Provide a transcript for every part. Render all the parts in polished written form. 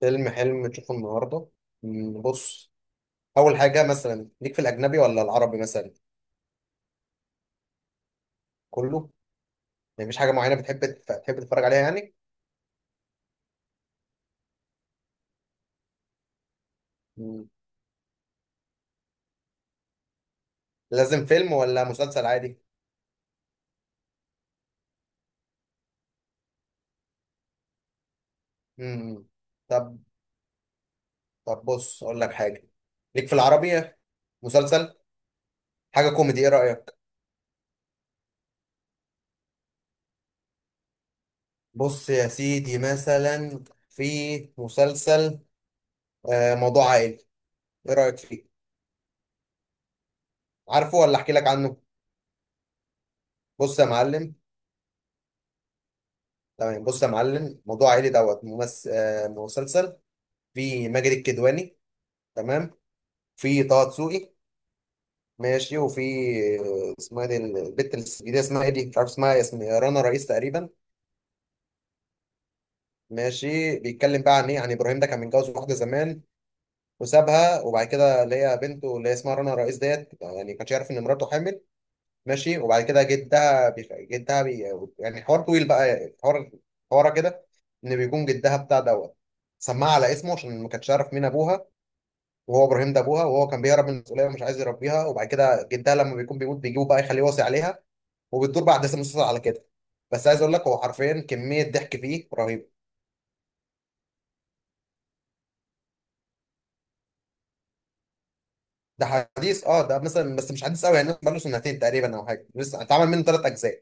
فيلم حلم تشوفه النهارده؟ بص، اول حاجه مثلا ليك في الاجنبي ولا العربي مثلا؟ كله. يعني مفيش حاجه معينه بتحب تف- تحب تتفرج عليها يعني؟ مم. لازم فيلم ولا مسلسل عادي؟ مم. طب طب بص، اقول لك حاجه. ليك في العربي مسلسل، حاجه كوميدي، ايه رايك؟ بص يا سيدي، مثلا في مسلسل، موضوع عائلي، ايه رايك فيه؟ عارفه ولا احكي لك عنه؟ بص يا معلم. تمام، بص يا معلم، موضوع عائلي دوت ممثل. مسلسل، في ماجد الكدواني، تمام. في طه دسوقي، ماشي. وفي، اسمها دي البت الجديده، اسمها ايه دي، مش عارف اسمها، يا رنا رئيس تقريبا. ماشي، بيتكلم بقى عن ايه؟ عن ابراهيم ده، كان متجوز واحده زمان وسابها، وبعد كده اللي هي بنته، اللي هي اسمها رنا رئيس ديت، يعني ما كانش يعرف ان مراته حامل. ماشي، وبعد كده جدها بيخ... جدها بي... يعني حوار طويل بقى، حوار، حوارها كده. ان بيكون جدها بتاع دوت سماها على اسمه، عشان ما كانش يعرف مين ابوها، وهو ابراهيم ده ابوها، وهو كان بيهرب من المسؤوليه ومش عايز يربيها. وبعد كده جدها لما بيكون بيموت بيجيبه بقى يخليه وصي عليها. وبتدور بقى احداث المسلسل على كده. بس عايز اقول لك، هو حرفيا كميه ضحك فيه رهيبه. ده حديث؟ اه ده مثلا، بس مش حديث قوي، يعني بقاله سنتين تقريبا او حاجه، لسه اتعمل منه ثلاث اجزاء.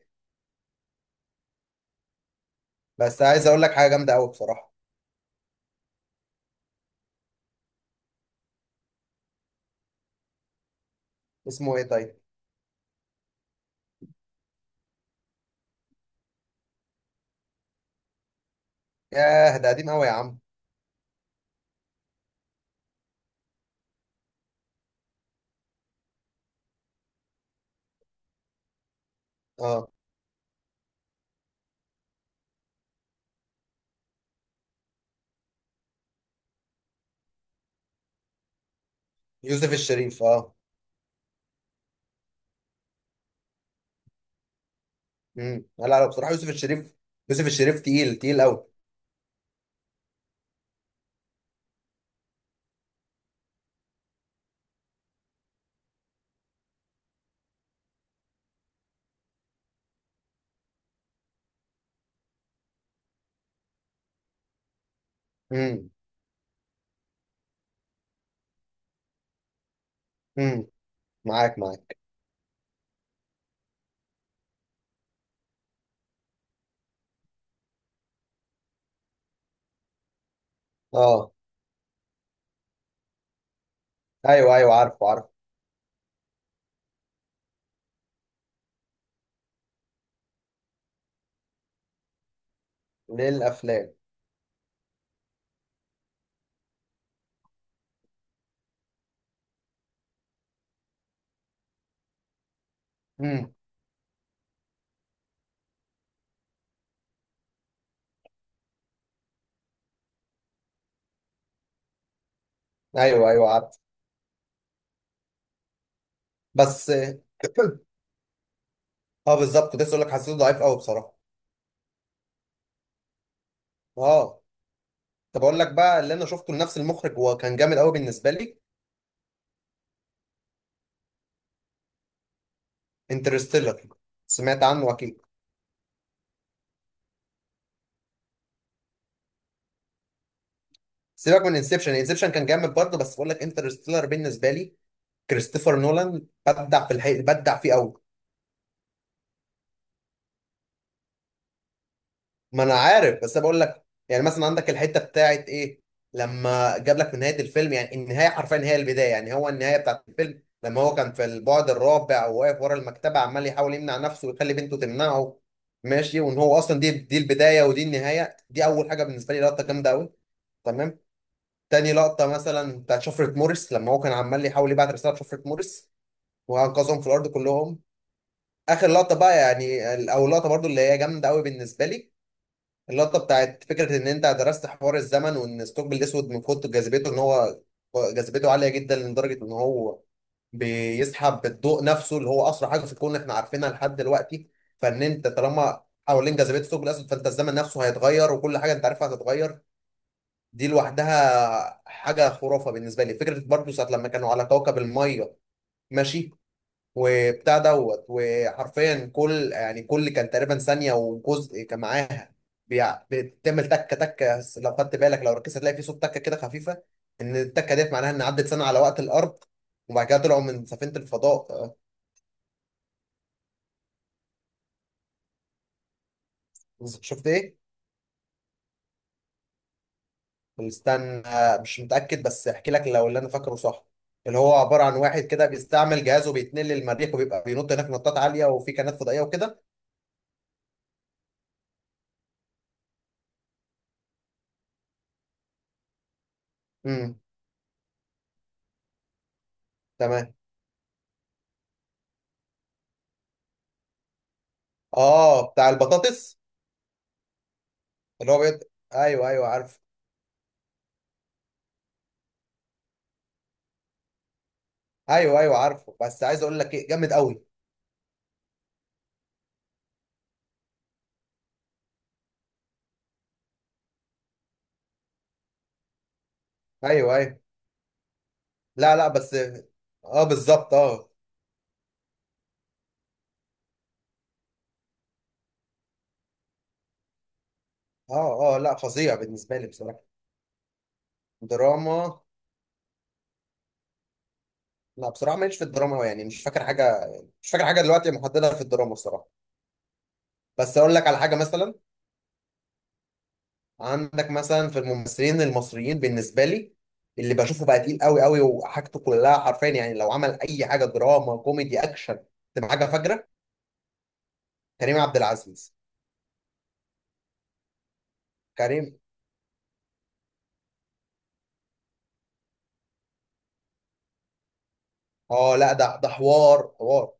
بس عايز اقول لك حاجه جامده قوي بصراحه. اسمه ايه طيب؟ ياه، ده قديم قوي يا عم. اه، يوسف الشريف، اه. لا لا، بصراحه يوسف الشريف، يوسف الشريف تقيل تقيل قوي. امم. امم. معاك معاك. اه، ايوه ايوه، عارفه عارفه. للافلام. امم. ايوه ايوه، عارف. بس بالظبط، كنت لسه اقول لك، حسيته ضعيف قوي بصراحه. اه. طب اقول لك بقى اللي انا شفته لنفس المخرج، وكان جامد قوي بالنسبه لي. انترستيلر، سمعت عنه اكيد؟ سيبك من انسبشن، انسبشن كان جامد برضه، بس بقول لك انترستيلر بالنسبه لي. كريستوفر نولان بدع في الحقيقه، بدع فيه قوي. ما انا عارف، بس انا بقول لك، يعني مثلا عندك الحته بتاعت ايه، لما جاب لك في نهايه الفيلم، يعني النهايه حرفيا هي البدايه، يعني هو النهايه بتاعت الفيلم لما هو كان في البعد الرابع، وواقف ورا المكتبه عمال يحاول يمنع نفسه ويخلي بنته تمنعه. ماشي، وان هو اصلا دي البدايه، ودي النهايه، دي اول حاجه بالنسبه لي، لقطه جامده قوي. تمام. تاني لقطه مثلا، بتاعت شفره موريس، لما هو كان عمال يحاول يبعت رساله شفره موريس، وانقذهم في الارض كلهم. اخر لقطه بقى يعني، او اللقطه برضو اللي هي جامده قوي بالنسبه لي، اللقطة بتاعت فكرة إن أنت درست حوار الزمن، وإن الثقب الأسود من كتر جاذبيته، إن هو جاذبيته عالية جدا لدرجة إن هو بيسحب الضوء نفسه، اللي هو أسرع حاجة في الكون إحنا عارفينها لحد دلوقتي. فإن أنت طالما حوالين جاذبية الثقب الأسود، فأنت الزمن نفسه هيتغير، وكل حاجة أنت عارفها هتتغير. دي لوحدها حاجة خرافة بالنسبة لي. فكرة برضه ساعة لما كانوا على كوكب المية، ماشي، وبتاع دوت، وحرفيا كل كان تقريبا ثانية وجزء كان معاها بتعمل تكة تكة، بس لو خدت بالك، لو ركزت، هتلاقي في صوت تكة كده خفيفة، إن التكة ديت معناها إن عدت سنة على وقت الأرض. وبعد كده طلعوا من سفينة الفضاء. شفت إيه؟ استنى، مش متأكد، بس أحكي لك لو اللي أنا فاكره صح. اللي هو عبارة عن واحد كده بيستعمل جهازه بيتنقل للمريخ، وبيبقى بينط هناك نطات عالية، وفي كائنات فضائية وكده. امم. تمام. اه، بتاع البطاطس. اللي هو ايوه ايوه، عارف. ايوه ايوه، عارفه، بس عايز اقول لك ايه، جامد قوي. ايوه ايوه. لا لا، بس. اه، بالظبط اه. اه اه، لا فظيع بالنسبه لي بصراحه. دراما؟ لا بصراحه، ماليش في الدراما أوي، يعني مش فاكر حاجه. مش فاكر حاجه دلوقتي محددها في الدراما بصراحه. بس اقول لك على حاجه مثلا. عندك مثلا في الممثلين المصريين، بالنسبه لي، اللي بشوفه بقى تقيل قوي قوي، وحاجته كلها حرفيا، يعني لو عمل اي حاجه دراما كوميدي اكشن تبقى حاجه فجره. كريم عبد العزيز. كريم. اه لا، ده حوار، حوار.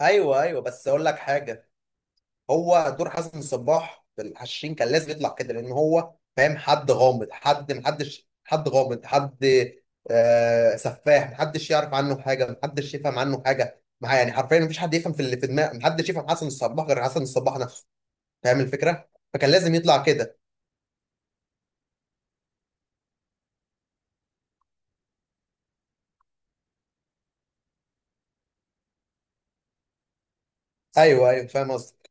ايوه ايوه، بس اقول لك حاجه. هو دور حسن صباح في الحشاشين كان لازم يطلع كده، لان هو فاهم، حد غامض، حد محدش، حد غامض، حد، سفاح، محدش يعرف عنه حاجه، محدش يفهم عنه حاجه، يعني حرفيا مفيش حد يفهم في اللي في دماغه، محدش يفهم حسن الصباح غير حسن الصباح نفسه. فاهم الفكره؟ فكان لازم يطلع كده. ايوه ايوه، فاهم قصدك.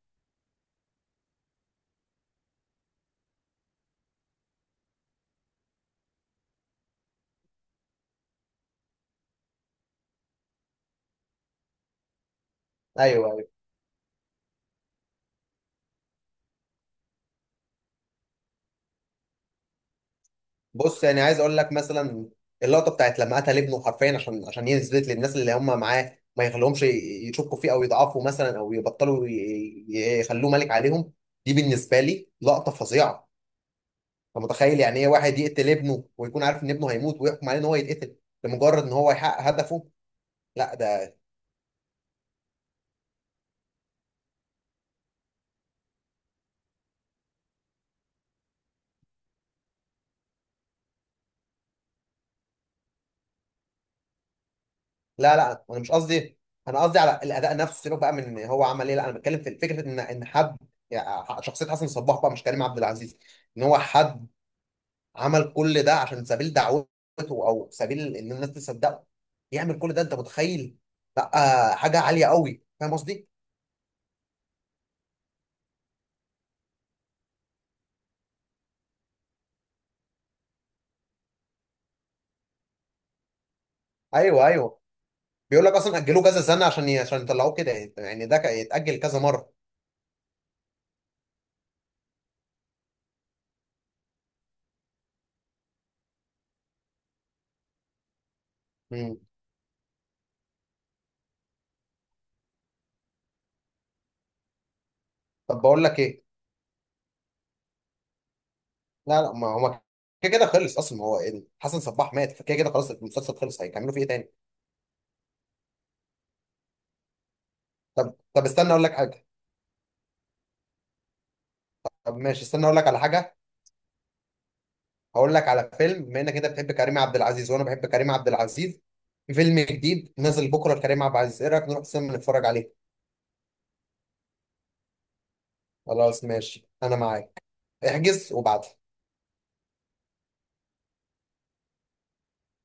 ايوه ايوه. بص، يعني عايز اقول لك مثلا، اللقطه بتاعت لما قتل ابنه حرفيا، عشان يثبت للناس اللي هم معاه، ما يخليهمش يشكوا فيه، او يضعفوا مثلا، او يبطلوا يخلوه ملك عليهم. دي بالنسبه لي لقطه فظيعه. انت متخيل يعني ايه واحد يقتل ابنه، ويكون عارف ان ابنه هيموت، ويحكم عليه ان هو يتقتل، لمجرد ان هو يحقق هدفه؟ لا. ده. لا لا، انا مش قصدي، انا قصدي على الاداء نفسه، سيبك بقى من هو عمل ايه. لا انا بتكلم في فكره، ان حد، يعني شخصيه حسن صباح بقى مش كريم عبد العزيز، ان هو حد عمل كل ده عشان سبيل دعوته، او سبيل ان الناس تصدقه، يعمل كل ده، انت متخيل؟ لا. حاجه عاليه قوي، فاهم قصدي؟ ايوه ايوه. بيقول لك اصلا اجلوه كذا سنه عشان عشان يطلعوه كده. يعني ده كان يتاجل كذا مره. مم. طب، بقول لك ايه. لا لا، ما هو كده كده خلص اصلا، ما هو يعني حسن صباح مات، فكده كده خلاص المسلسل خلص، هيكملوا فيه ايه تاني؟ طب استنى، اقول لك حاجه. طب ماشي، استنى اقول لك على حاجه. هقول لك على فيلم، بما انك انت بتحب كريم عبد العزيز، وانا بحب كريم عبد العزيز. في فيلم جديد نازل بكره لكريم عبد العزيز، ايه رايك نروح السينما نتفرج عليه؟ خلاص ماشي، انا معاك. احجز وبعد